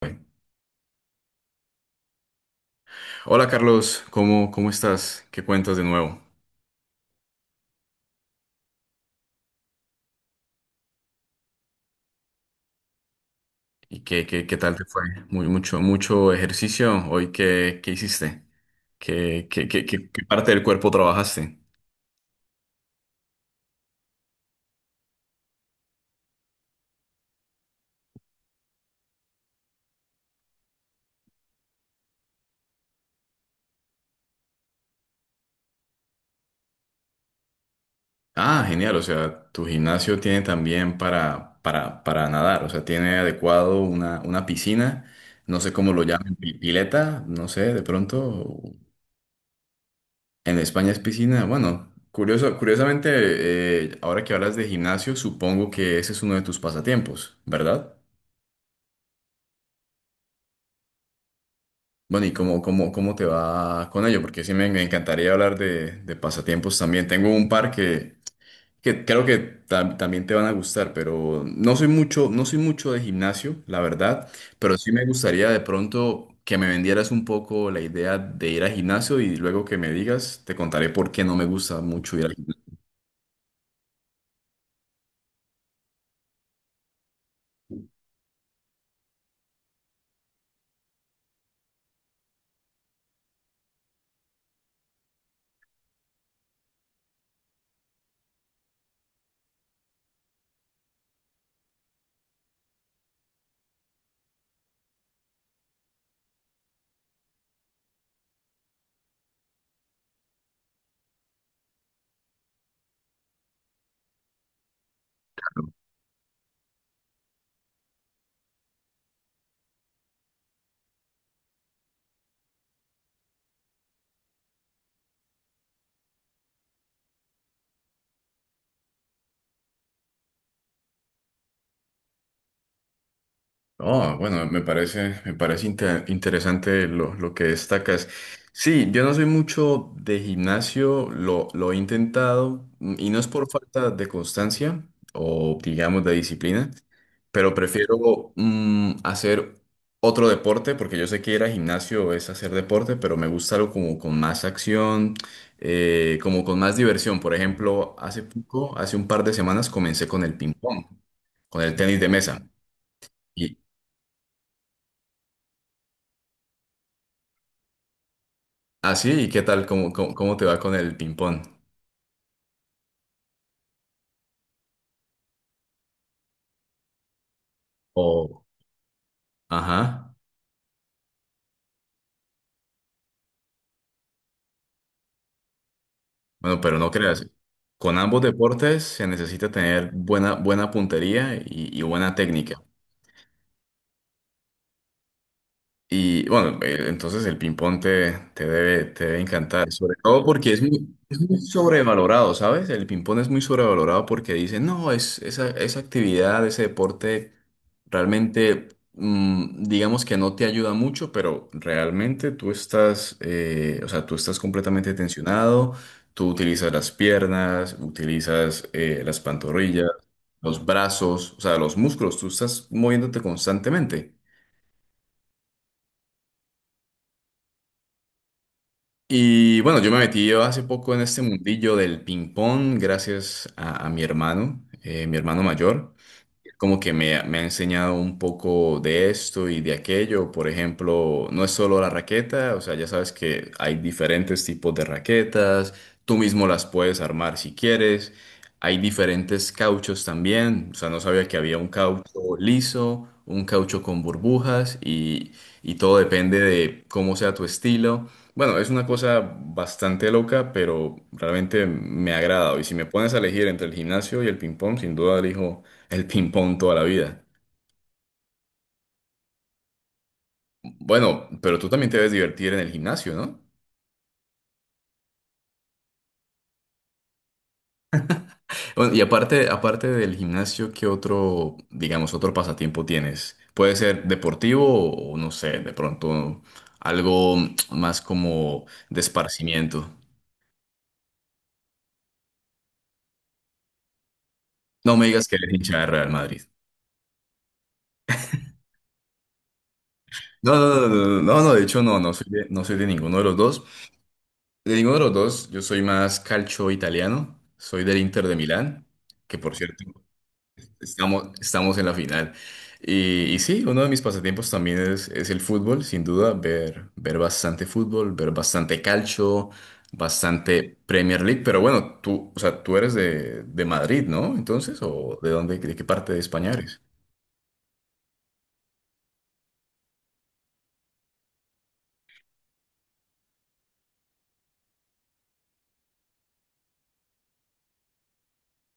Bueno. Hola Carlos, ¿cómo estás? ¿Qué cuentas de nuevo? ¿Y qué tal te fue? Mucho, mucho ejercicio hoy. ¿Qué hiciste? ¿Qué parte del cuerpo trabajaste? Ah, genial. O sea, tu gimnasio tiene también para, nadar. O sea, tiene adecuado una piscina. No sé cómo lo llaman, pileta, no sé, de pronto. En España es piscina. Bueno, curiosamente, ahora que hablas de gimnasio, supongo que ese es uno de tus pasatiempos, ¿verdad? Bueno, ¿y cómo te va con ello? Porque sí me encantaría hablar de pasatiempos también. Tengo un par que creo que también te van a gustar, pero no soy mucho de gimnasio, la verdad, pero sí me gustaría de pronto que me vendieras un poco la idea de ir al gimnasio y luego que me digas, te contaré por qué no me gusta mucho ir al. Oh, bueno, me parece interesante lo que destacas. Sí, yo no soy mucho de gimnasio, lo he intentado, y no es por falta de constancia o digamos de disciplina, pero prefiero hacer otro deporte porque yo sé que ir al gimnasio es hacer deporte, pero me gusta algo como con más acción, como con más diversión. Por ejemplo, hace poco, hace un par de semanas comencé con el ping pong, con el tenis de mesa. Ah, sí, ¿y qué tal? ¿Cómo te va con el ping-pong? O, ajá. Bueno, pero no creas. Con ambos deportes se necesita tener buena puntería y, buena técnica. Y bueno, entonces el ping-pong te, te debe encantar, sobre todo porque es muy sobrevalorado, ¿sabes? El ping-pong es muy sobrevalorado porque dicen, no, es, esa, actividad, ese deporte, realmente, digamos que no te ayuda mucho, pero realmente tú estás, o sea, tú estás completamente tensionado, tú utilizas las piernas, utilizas las pantorrillas, los brazos, o sea, los músculos, tú estás moviéndote constantemente. Y bueno, yo me metí hace poco en este mundillo del ping pong gracias a, mi hermano mayor como que me ha enseñado un poco de esto y de aquello. Por ejemplo, no es solo la raqueta, o sea, ya sabes que hay diferentes tipos de raquetas, tú mismo las puedes armar si quieres. Hay diferentes cauchos también, o sea, no sabía que había un caucho liso, un caucho con burbujas y todo depende de cómo sea tu estilo. Bueno, es una cosa bastante loca, pero realmente me ha agradado. Y si me pones a elegir entre el gimnasio y el ping-pong, sin duda elijo el ping-pong toda la vida. Bueno, pero tú también te debes divertir en el gimnasio, ¿no? Bueno, y aparte, aparte del gimnasio, ¿qué otro, digamos, otro pasatiempo tienes? Puede ser deportivo o no sé, de pronto algo más como de esparcimiento. No me digas que eres hincha de Real Madrid. No, no, no, no, no, no, no, de hecho no, no soy de ninguno de los dos. De ninguno de los dos, yo soy más calcio italiano, soy del Inter de Milán, que por cierto. Estamos en la final. Y sí, uno de mis pasatiempos también es el fútbol, sin duda, ver bastante fútbol, ver bastante calcio, bastante Premier League. Pero bueno, tú, o sea, tú eres de, Madrid, ¿no? Entonces, ¿o de dónde, de qué parte de España eres?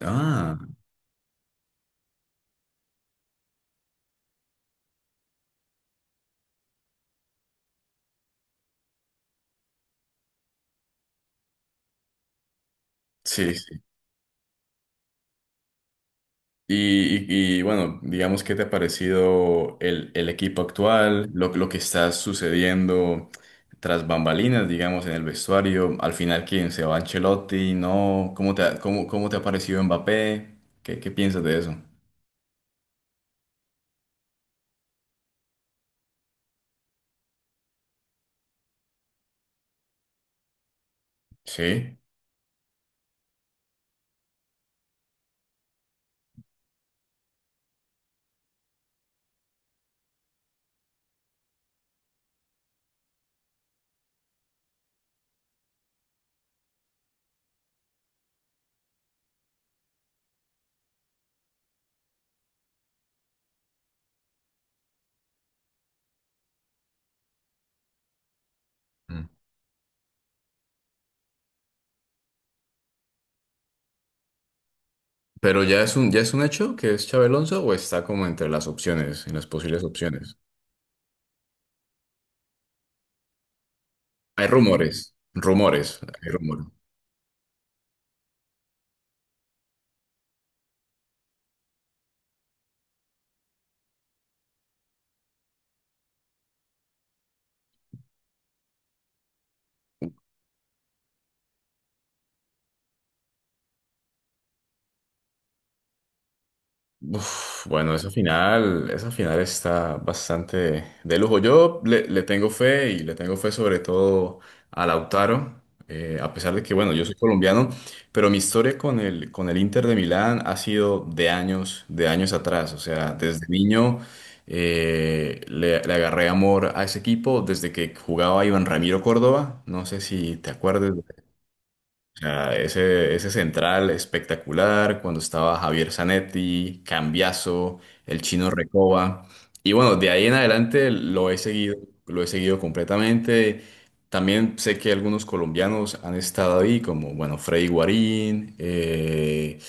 Ah, sí. Sí. Y, y, bueno, digamos, ¿qué te ha parecido el equipo actual, lo que está sucediendo tras bambalinas, digamos, en el vestuario? Al final, ¿quién se va? Ancelotti, ¿no? ¿Cómo te ha parecido Mbappé? ¿Qué piensas de eso? Sí. Mm. Pero ya es un hecho que es Xabi Alonso o está como entre las opciones, en las posibles opciones. Hay rumores, rumores, hay rumores. Uf, bueno, esa final está bastante de lujo. Yo le tengo fe y le tengo fe sobre todo a Lautaro, a pesar de que, bueno, yo soy colombiano, pero mi historia con el, Inter de Milán ha sido de años atrás. O sea, desde niño le agarré amor a ese equipo desde que jugaba Iván Ramiro Córdoba. No sé si te acuerdas. Ah, ese, central espectacular, cuando estaba Javier Zanetti, Cambiaso, el chino Recoba. Y bueno, de ahí en adelante lo he seguido completamente. También sé que algunos colombianos han estado ahí, como bueno, Freddy Guarín,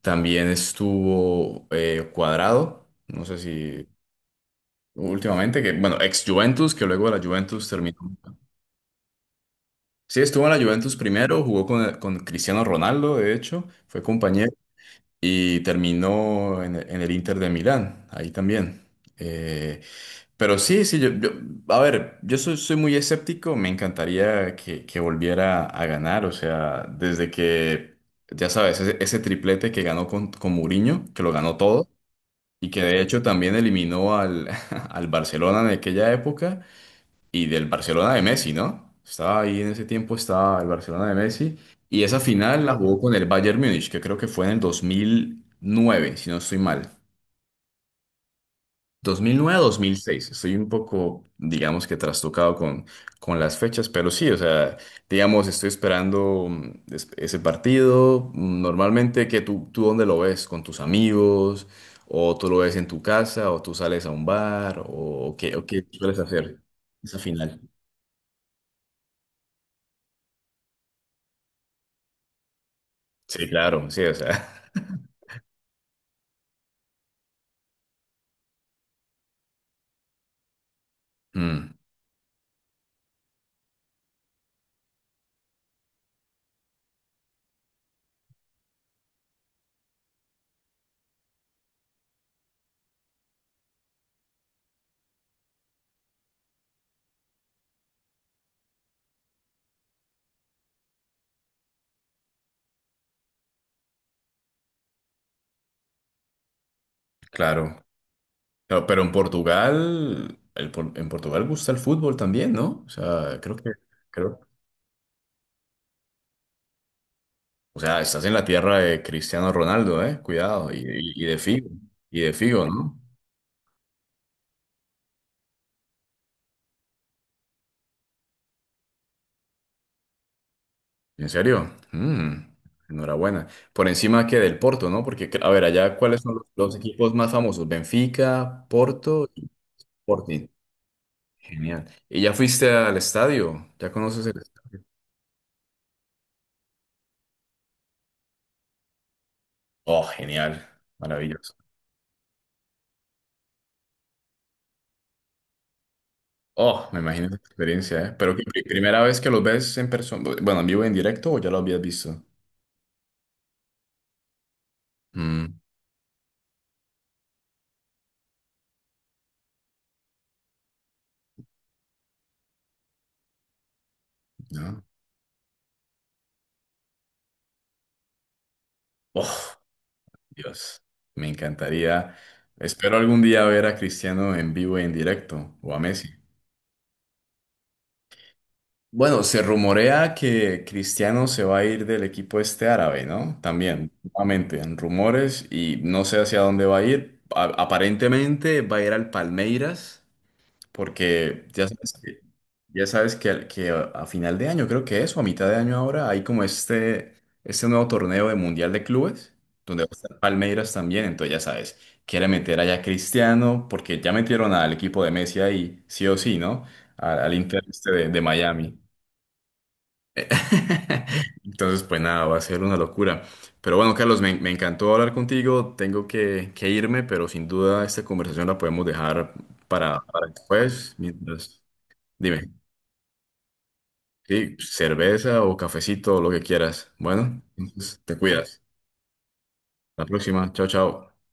también estuvo Cuadrado, no sé si últimamente, que bueno, ex Juventus, que luego de la Juventus terminó. Sí, estuvo en la Juventus primero, jugó con, Cristiano Ronaldo, de hecho, fue compañero y terminó en, el Inter de Milán, ahí también. Eh, pero sí, sí, a ver, yo soy, soy muy escéptico, me encantaría que volviera a ganar, o sea, desde que, ya sabes, ese, triplete que ganó con, Mourinho, que lo ganó todo, y que de hecho también eliminó al, al Barcelona en aquella época y del Barcelona de Messi, ¿no? Estaba ahí en ese tiempo, estaba el Barcelona de Messi. Y esa final la jugó con el Bayern Múnich, que creo que fue en el 2009, si no estoy mal. 2009-2006. Estoy un poco, digamos que trastocado con, las fechas, pero sí, o sea, digamos, estoy esperando, ese partido. Normalmente, ¿tú dónde lo ves? ¿Con tus amigos? ¿O tú lo ves en tu casa? ¿O tú sales a un bar? ¿O qué sueles hacer esa final? Sí, claro, sí, o sea, mm, claro. No, pero en Portugal, en Portugal gusta el fútbol también, ¿no? O sea, creo que, creo, o sea, estás en la tierra de Cristiano Ronaldo, ¿eh? Cuidado, y de Figo, ¿no? ¿En serio? Mm, enhorabuena. Por encima que del Porto, ¿no? Porque, a ver, allá, ¿cuáles son los equipos más famosos? Benfica, Porto y Sporting. Genial. ¿Y ya fuiste al estadio? ¿Ya conoces el estadio? Oh, genial, maravilloso. Oh, me imagino esa experiencia, ¿eh? Pero ¿primera vez que los ves en persona, bueno, en vivo, en directo o ya lo habías visto? Mm, ¿no? Oh, Dios, me encantaría. Espero algún día ver a Cristiano en vivo y en directo o a Messi. Bueno, se rumorea que Cristiano se va a ir del equipo este árabe, ¿no? También, nuevamente, en rumores y no sé hacia dónde va a ir. Aparentemente va a ir al Palmeiras. Porque ya sabes que, a final de año, creo que es, o a mitad de año ahora, hay como este, nuevo torneo de Mundial de Clubes, donde va a estar Palmeiras también, entonces ya sabes, quiere meter allá a Cristiano, porque ya metieron al equipo de Messi ahí, sí o sí, ¿no? Al Inter este de Miami. Entonces, pues nada, va a ser una locura. Pero bueno, Carlos, me encantó hablar contigo, tengo que irme, pero sin duda esta conversación la podemos dejar para, después, mientras. Dime, sí, cerveza o cafecito, lo que quieras. Bueno, entonces te cuidas. La próxima, chao, chao.